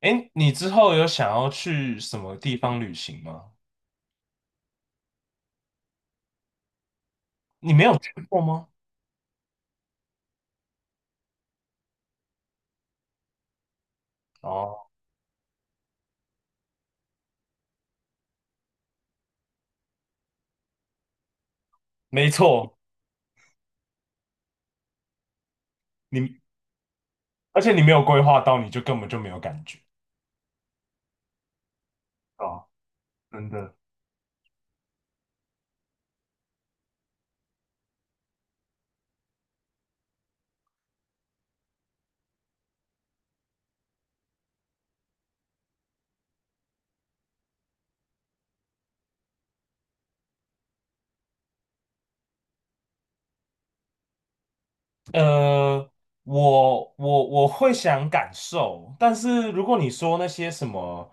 哎，你之后有想要去什么地方旅行吗？你没有去过吗？哦，没错，你，而且你没有规划到，你就根本就没有感觉。哦，真的。呃，我会想感受，但是如果你说那些什么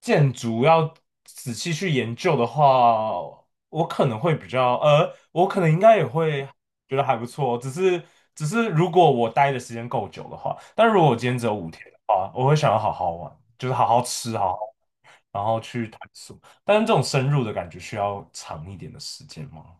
建筑要仔细去研究的话，我可能会比较，我可能应该也会觉得还不错，只是如果我待的时间够久的话，但如果我今天只有5天的话，我会想要好好玩，就是好好吃，好好，然后去探索，但是这种深入的感觉需要长一点的时间吗？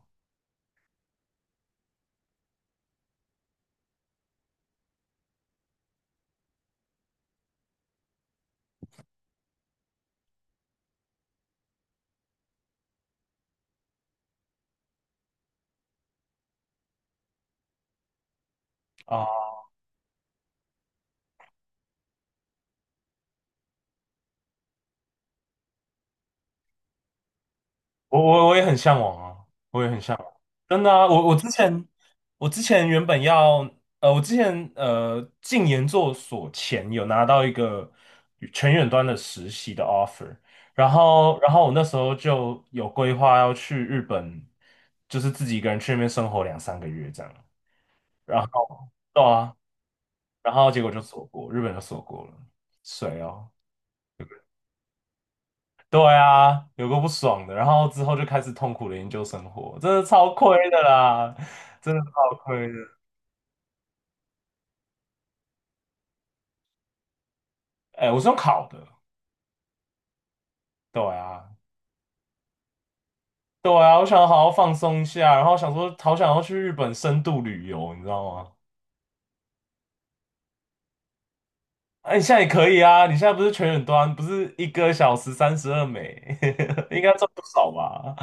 啊。我也很向往啊，我也很向往，真的啊，我之前我之前原本要我之前进研究所前有拿到一个全远端的实习的 offer，然后我那时候就有规划要去日本，就是自己一个人去那边生活两三个月这样，然后对啊，然后结果就锁国，日本就锁国了，谁哦？对啊，有个不爽的，然后之后就开始痛苦的研究生活，真的超亏的啦，真的超亏的。哎，我是用考的，对啊，对啊，我想好好放松一下，然后想说好想要去日本深度旅游，你知道吗？哎，你现在也可以啊，你现在不是全远端，不是1个小时32美，应该赚不少吧？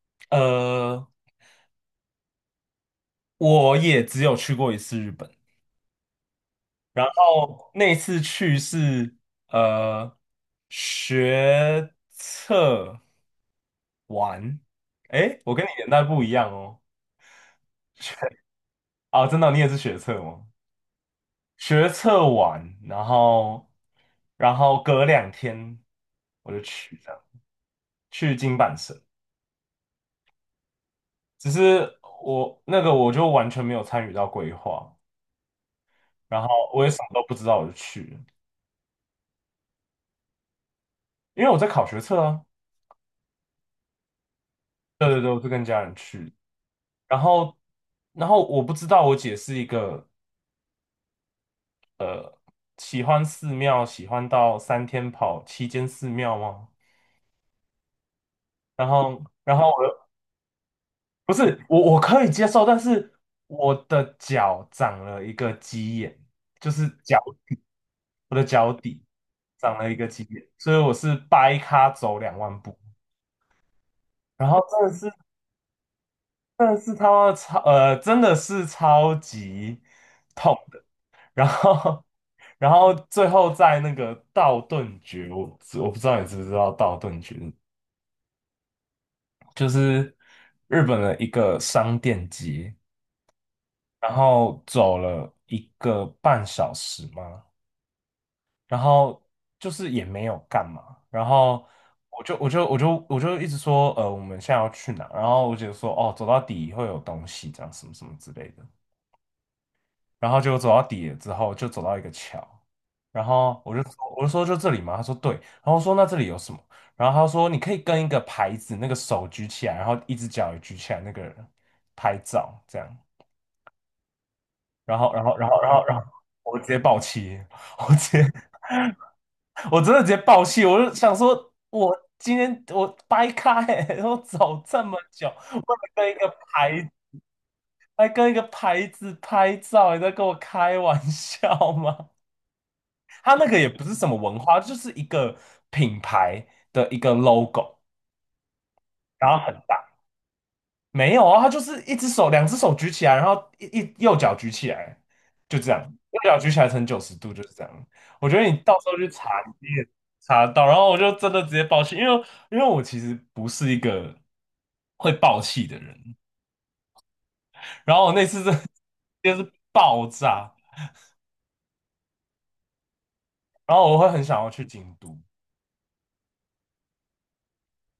呃，我也只有去过一次日本，然后那次去是呃学测完，诶，我跟你年代不一样哦。学啊，真的，你也是学测吗？学测完，然后隔2天我就去这样，去金板神。只是我那个我就完全没有参与到规划，然后我也什么都不知道我就去了，因为我在考学测啊。对对对，我是跟家人去。然后，我不知道我姐是一个喜欢寺庙，喜欢到三天跑七间寺庙吗？然后 然后不是我可以接受，但是我的脚长了一个鸡眼，就是脚底，我的脚底长了一个鸡眼，所以我是掰咖走2万步。然后真的是，真的是他妈超，真的是超级。然后，然后最后在那个道顿崛，我不知道你知不知道道顿崛，就是日本的一个商店街，然后走了1个半小时嘛，然后就是也没有干嘛，然后我就一直说，我们现在要去哪？然后我姐说，哦，走到底会有东西，这样什么什么之类的。然后就走到底了之后，就走到一个桥，然后我就说就这里吗？他说对，然后我说那这里有什么？然后他说你可以跟一个牌子，那个手举起来，然后一只脚也举起来，那个人拍照这样。然后我直接爆气，我直接我真的直接爆气，我就想说我今天我掰开、欸，我走这么久，为了跟一个牌。还跟一个牌子拍照，你在跟我开玩笑吗？它那个也不是什么文化，就是一个品牌的一个 logo，然后很大。没有啊，它就是一只手、两只手举起来，然后一右脚举起来，就这样，右脚举起来成90度，就是这样。我觉得你到时候去查，你也查得到。然后我就真的直接爆气，因为我其实不是一个会爆气的人。然后我那次真的 就是爆炸，然后我会很想要去京都，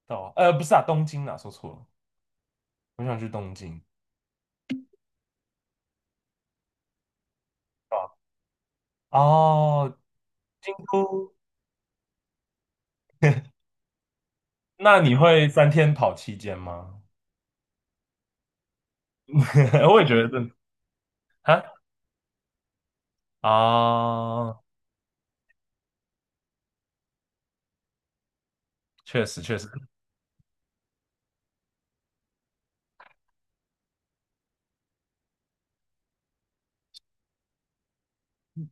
不是啊，东京啊，说错了，我想去东京。啊。哦，京都，那你会3天跑7间吗？我也觉得是啊啊，确实确实，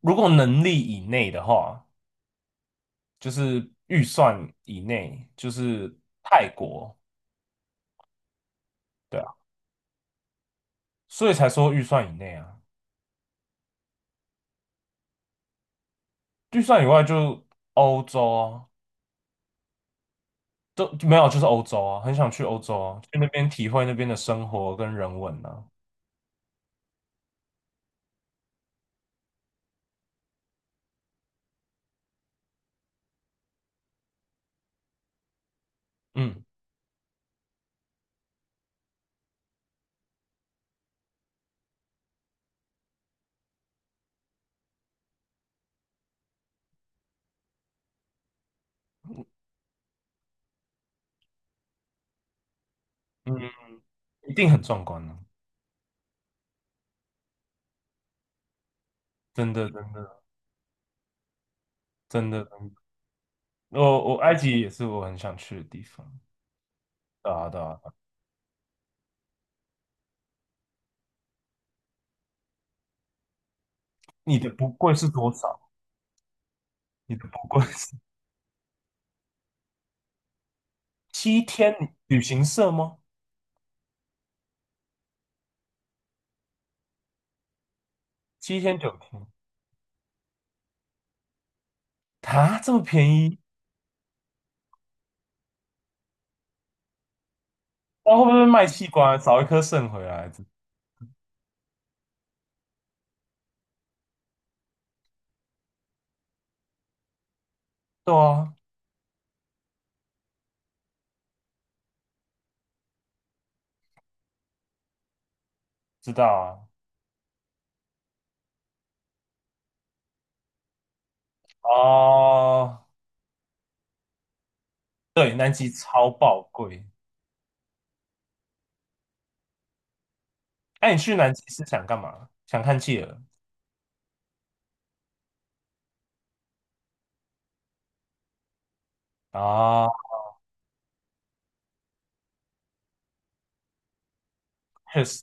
如果能力以内的话，就是预算以内，就是泰国，对啊，所以才说预算以内啊，预算以外就欧洲啊，都没有就是欧洲啊，很想去欧洲啊，去那边体会那边的生活跟人文啊，嗯嗯，一定很壮观啊，真的真的真的。我埃及也是我很想去的地方。对啊，对啊，你的不贵是多少？你的不贵是 七天旅行社吗？七天9天啊，这么便宜？那会不会卖器官，找一颗肾回来？对啊，知道啊。哦，对，南极超爆贵。哎、你去南极是想干嘛？想看企鹅啊？确实，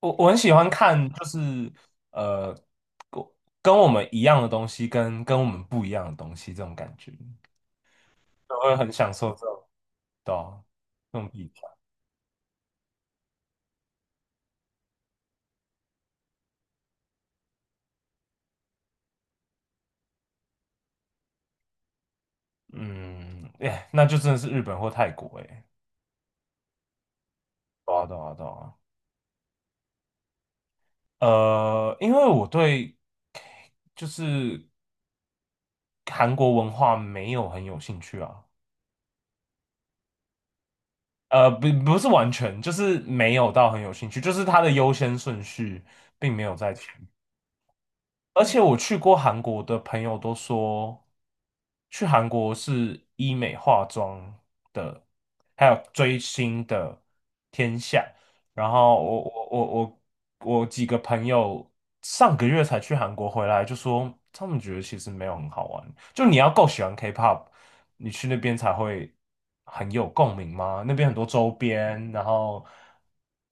我很喜欢看，就是呃，跟跟我们一样的东西跟我们不一样的东西，这种感觉，我会很享受这种，对啊这种比较。嗯，哎，那就真的是日本或泰国，哎，对啊，对啊，对啊。因为我对就是韩国文化没有很有兴趣啊，不是完全，就是没有到很有兴趣，就是它的优先顺序并没有在前。而且我去过韩国的朋友都说，去韩国是医美化妆的，还有追星的天下。然后我我我几个朋友上个月才去韩国回来，就说他们觉得其实没有很好玩。就你要够喜欢 K-pop，你去那边才会很有共鸣吗？那边很多周边，然后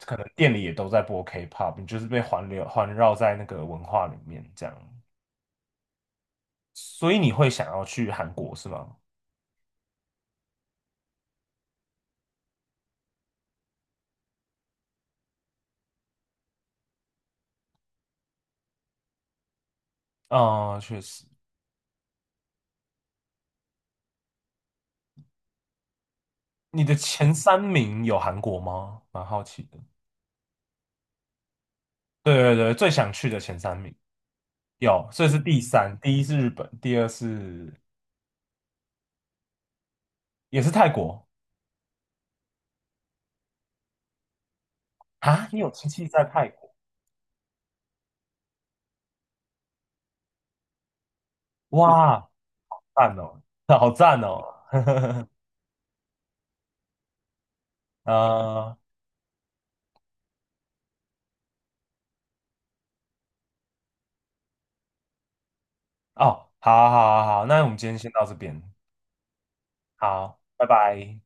可能店里也都在播 K-pop，你就是被环流环绕在那个文化里面这样，所以你会想要去韩国是吗？啊、确实。你的前三名有韩国吗？蛮好奇的。对对对，最想去的前三名。有，所以是第三，第一是日本，第二是也是泰国啊。你有亲戚在泰国？哇，赞哦，好赞哦。呃，哦，好好，好啊好啊那我们今天先到这边，好，拜拜。